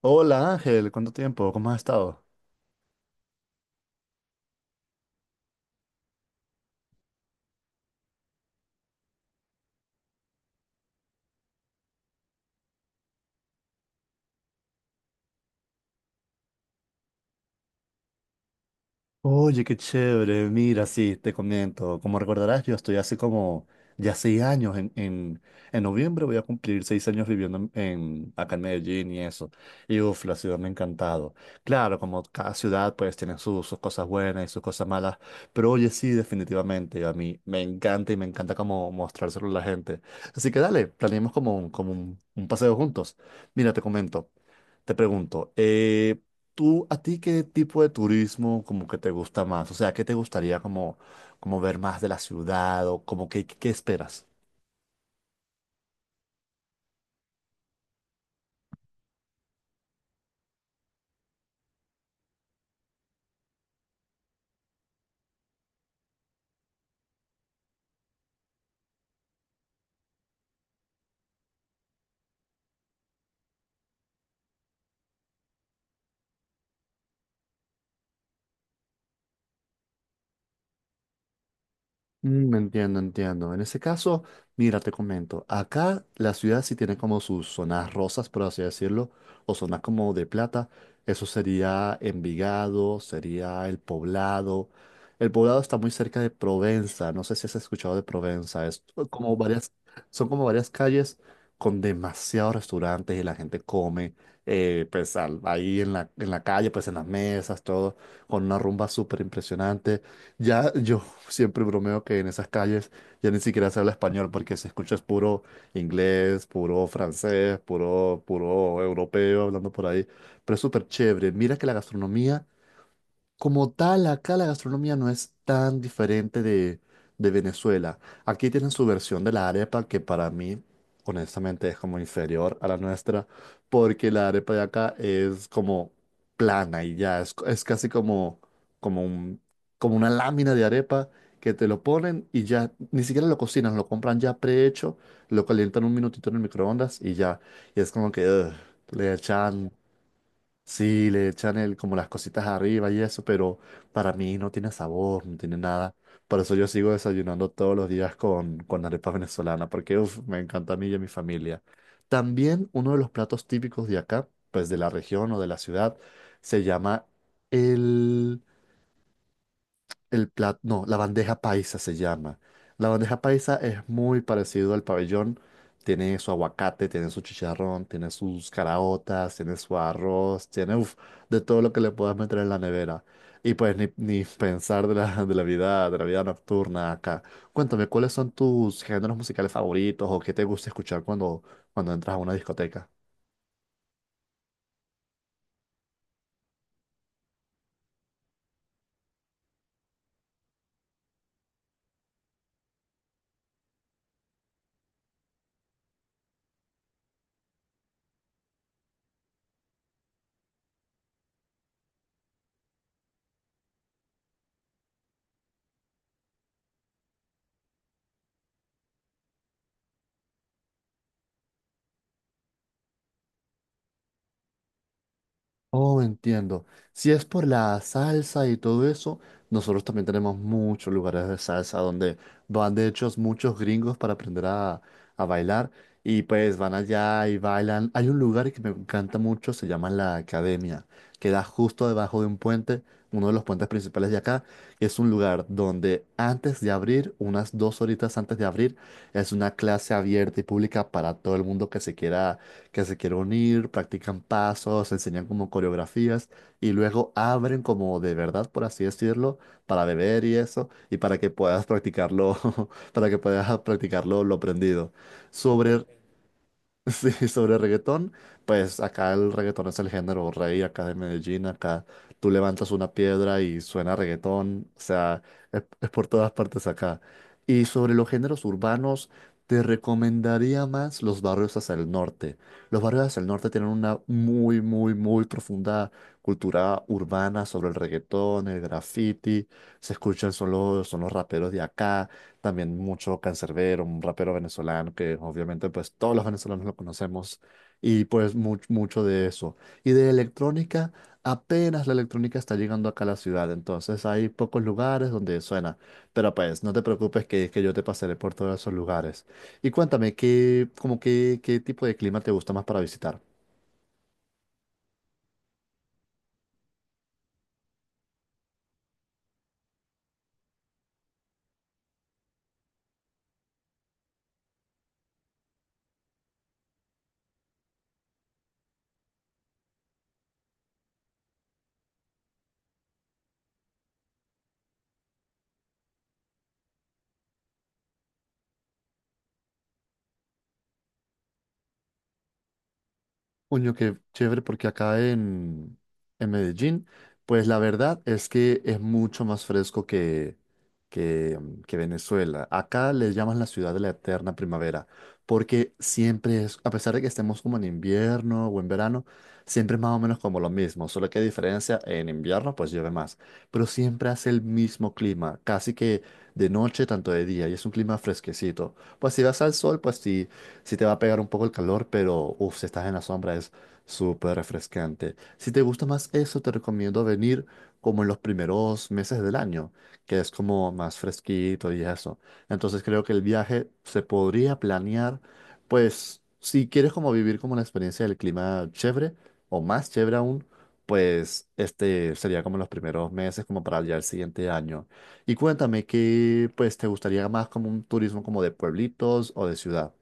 Hola Ángel, ¿cuánto tiempo? ¿Cómo has estado? Oye, qué chévere. Mira, sí, te comento. Como recordarás, yo estoy hace como ya 6 años. En noviembre voy a cumplir 6 años viviendo acá en Medellín y eso. Y uff, la ciudad me ha encantado. Claro, como cada ciudad pues tiene sus cosas buenas y sus cosas malas. Pero oye, sí, definitivamente. A mí me encanta y me encanta como mostrárselo a la gente. Así que dale, planeemos como un paseo juntos. Mira, te comento. Te pregunto, ¿tú a ti qué tipo de turismo como que te gusta más? O sea, ¿qué te gustaría como, como ver más de la ciudad o como que qué esperas? Entiendo, entiendo. En ese caso, mira, te comento, acá la ciudad sí tiene como sus zonas rosas, por así decirlo, o zonas como de plata. Eso sería Envigado, sería El Poblado. El Poblado está muy cerca de Provenza, no sé si has escuchado de Provenza, es como varias, son como varias calles con demasiados restaurantes y la gente come, ahí en la calle, pues en las mesas, todo, con una rumba súper impresionante. Ya yo siempre bromeo que en esas calles ya ni siquiera se habla español porque se escucha es puro inglés, puro francés, puro europeo hablando por ahí. Pero es súper chévere. Mira que la gastronomía como tal, acá la gastronomía no es tan diferente de Venezuela. Aquí tienen su versión de la arepa, que para mí, honestamente, es como inferior a la nuestra, porque la arepa de acá es como plana y ya, es casi como, como un, como una lámina de arepa que te lo ponen y ya, ni siquiera lo cocinan, lo compran ya prehecho, lo calientan un minutito en el microondas y ya, y es como que ugh, le echan Sí, le echan como las cositas arriba y eso, pero para mí no tiene sabor, no tiene nada. Por eso yo sigo desayunando todos los días con arepa venezolana, porque uf, me encanta a mí y a mi familia. También uno de los platos típicos de acá, pues de la región o de la ciudad, se llama el el plato, no, la bandeja paisa se llama. La bandeja paisa es muy parecido al pabellón. Tiene su aguacate, tiene su chicharrón, tiene sus caraotas, tiene su arroz, tiene uf, de todo lo que le puedas meter en la nevera. Y pues ni pensar de la vida, de la vida nocturna acá. Cuéntame, ¿cuáles son tus géneros musicales favoritos o qué te gusta escuchar cuando entras a una discoteca? Oh, entiendo. Si es por la salsa y todo eso, nosotros también tenemos muchos lugares de salsa donde van de hecho muchos gringos para aprender a bailar y pues van allá y bailan. Hay un lugar que me encanta mucho, se llama La Academia, queda justo debajo de un puente, uno de los puentes principales de acá. Y es un lugar donde antes de abrir, unas 2 horitas antes de abrir, es una clase abierta y pública para todo el mundo que se quieren unir, practican pasos, enseñan como coreografías y luego abren como de verdad, por así decirlo, para beber y eso, y para que puedas practicarlo, para que puedas practicarlo lo aprendido. Sobre Sí, sobre reggaetón, pues acá el reggaetón es el género rey acá de Medellín, acá tú levantas una piedra y suena reggaetón, o sea, es por todas partes acá. Y sobre los géneros urbanos, te recomendaría más los barrios hacia el norte. Los barrios hacia el norte tienen una muy profunda cultura urbana sobre el reggaetón, el graffiti, se escuchan, son los raperos de acá. También mucho Canserbero, un rapero venezolano que obviamente pues todos los venezolanos lo conocemos y pues mucho de eso. Y de electrónica, apenas la electrónica está llegando acá a la ciudad, entonces hay pocos lugares donde suena. Pero pues no te preocupes que yo te pasaré por todos esos lugares. Y cuéntame, ¿ qué tipo de clima te gusta más para visitar? Coño, qué chévere, porque en Medellín, pues la verdad es que es mucho más fresco que Venezuela. Acá le llaman la ciudad de la eterna primavera, porque siempre es, a pesar de que estemos como en invierno o en verano, siempre es más o menos como lo mismo, solo que hay diferencia, en invierno pues llueve más, pero siempre hace el mismo clima, casi que de noche, tanto de día, y es un clima fresquecito. Pues si vas al sol, pues sí te va a pegar un poco el calor, pero uff, si estás en la sombra es súper refrescante. Si te gusta más eso, te recomiendo venir como en los primeros meses del año, que es como más fresquito y eso. Entonces creo que el viaje se podría planear, pues si quieres como vivir como la experiencia del clima chévere o más chévere aún, pues este sería como los primeros meses como para ya el siguiente año. Y cuéntame qué pues te gustaría más como un turismo como de pueblitos o de ciudad.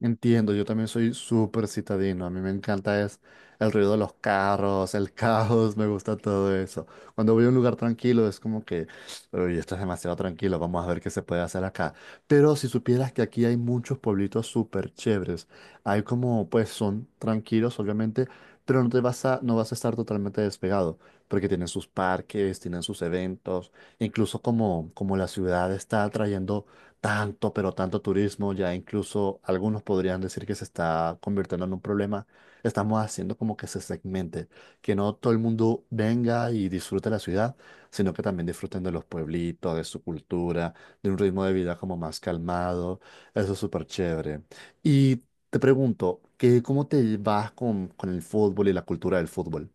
Entiendo, yo también soy súper citadino. A mí me encanta es el ruido de los carros, el caos, me gusta todo eso. Cuando voy a un lugar tranquilo es como que, uy, esto es demasiado tranquilo, vamos a ver qué se puede hacer acá. Pero si supieras que aquí hay muchos pueblitos súper chéveres, hay como, pues son tranquilos, obviamente, pero no te vas no vas a estar totalmente despegado, porque tienen sus parques, tienen sus eventos, incluso como, como la ciudad está atrayendo tanto, pero tanto turismo, ya incluso algunos podrían decir que se está convirtiendo en un problema. Estamos haciendo como que se segmente, que no todo el mundo venga y disfrute la ciudad, sino que también disfruten de los pueblitos, de su cultura, de un ritmo de vida como más calmado. Eso es súper chévere. Y te pregunto, ¿cómo te vas con el fútbol y la cultura del fútbol?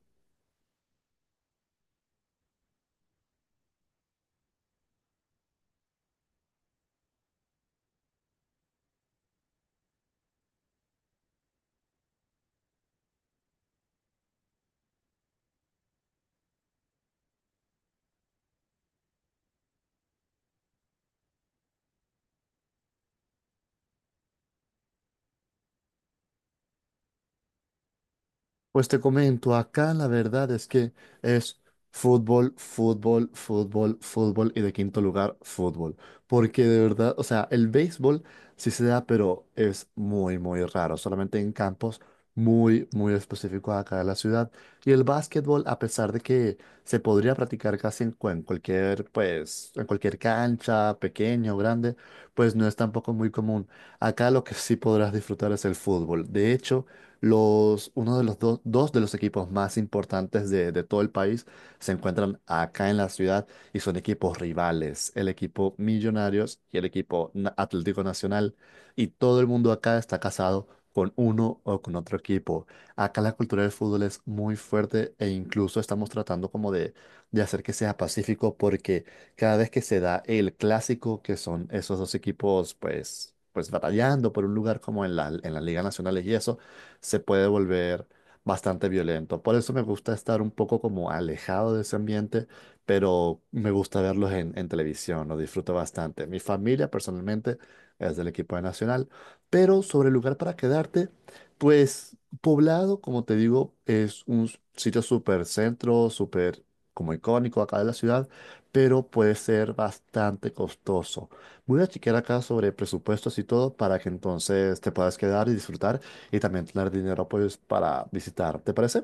Pues te comento, acá la verdad es que es fútbol, fútbol, fútbol, fútbol y de quinto lugar, fútbol. Porque de verdad, o sea, el béisbol sí se da, pero es muy raro, solamente en campos muy específicos acá de la ciudad. Y el básquetbol, a pesar de que se podría practicar casi en cualquier, pues, en cualquier cancha, pequeño o grande, pues no es tampoco muy común. Acá lo que sí podrás disfrutar es el fútbol. De hecho, uno de dos de los equipos más importantes de todo el país se encuentran acá en la ciudad y son equipos rivales, el equipo Millonarios y el equipo Atlético Nacional. Y todo el mundo acá está casado con uno o con otro equipo. Acá la cultura del fútbol es muy fuerte e incluso estamos tratando como de hacer que sea pacífico porque cada vez que se da el clásico, que son esos dos equipos pues, pues batallando por un lugar como en las ligas nacionales y eso, se puede volver bastante violento. Por eso me gusta estar un poco como alejado de ese ambiente, pero me gusta verlos en televisión, lo disfruto bastante. Mi familia personalmente es del equipo de Nacional, pero sobre el lugar para quedarte, pues Poblado, como te digo, es un sitio súper centro, súper como icónico acá de la ciudad, pero puede ser bastante costoso. Voy a chequear acá sobre presupuestos y todo para que entonces te puedas quedar y disfrutar y también tener dinero pues para visitar. ¿Te parece?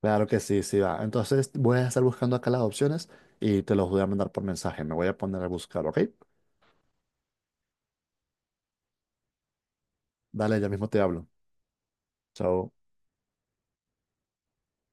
Claro que sí, sí va. Entonces voy a estar buscando acá las opciones y te los voy a mandar por mensaje. Me voy a poner a buscar, ¿ok? Dale, ya mismo te hablo. Chao.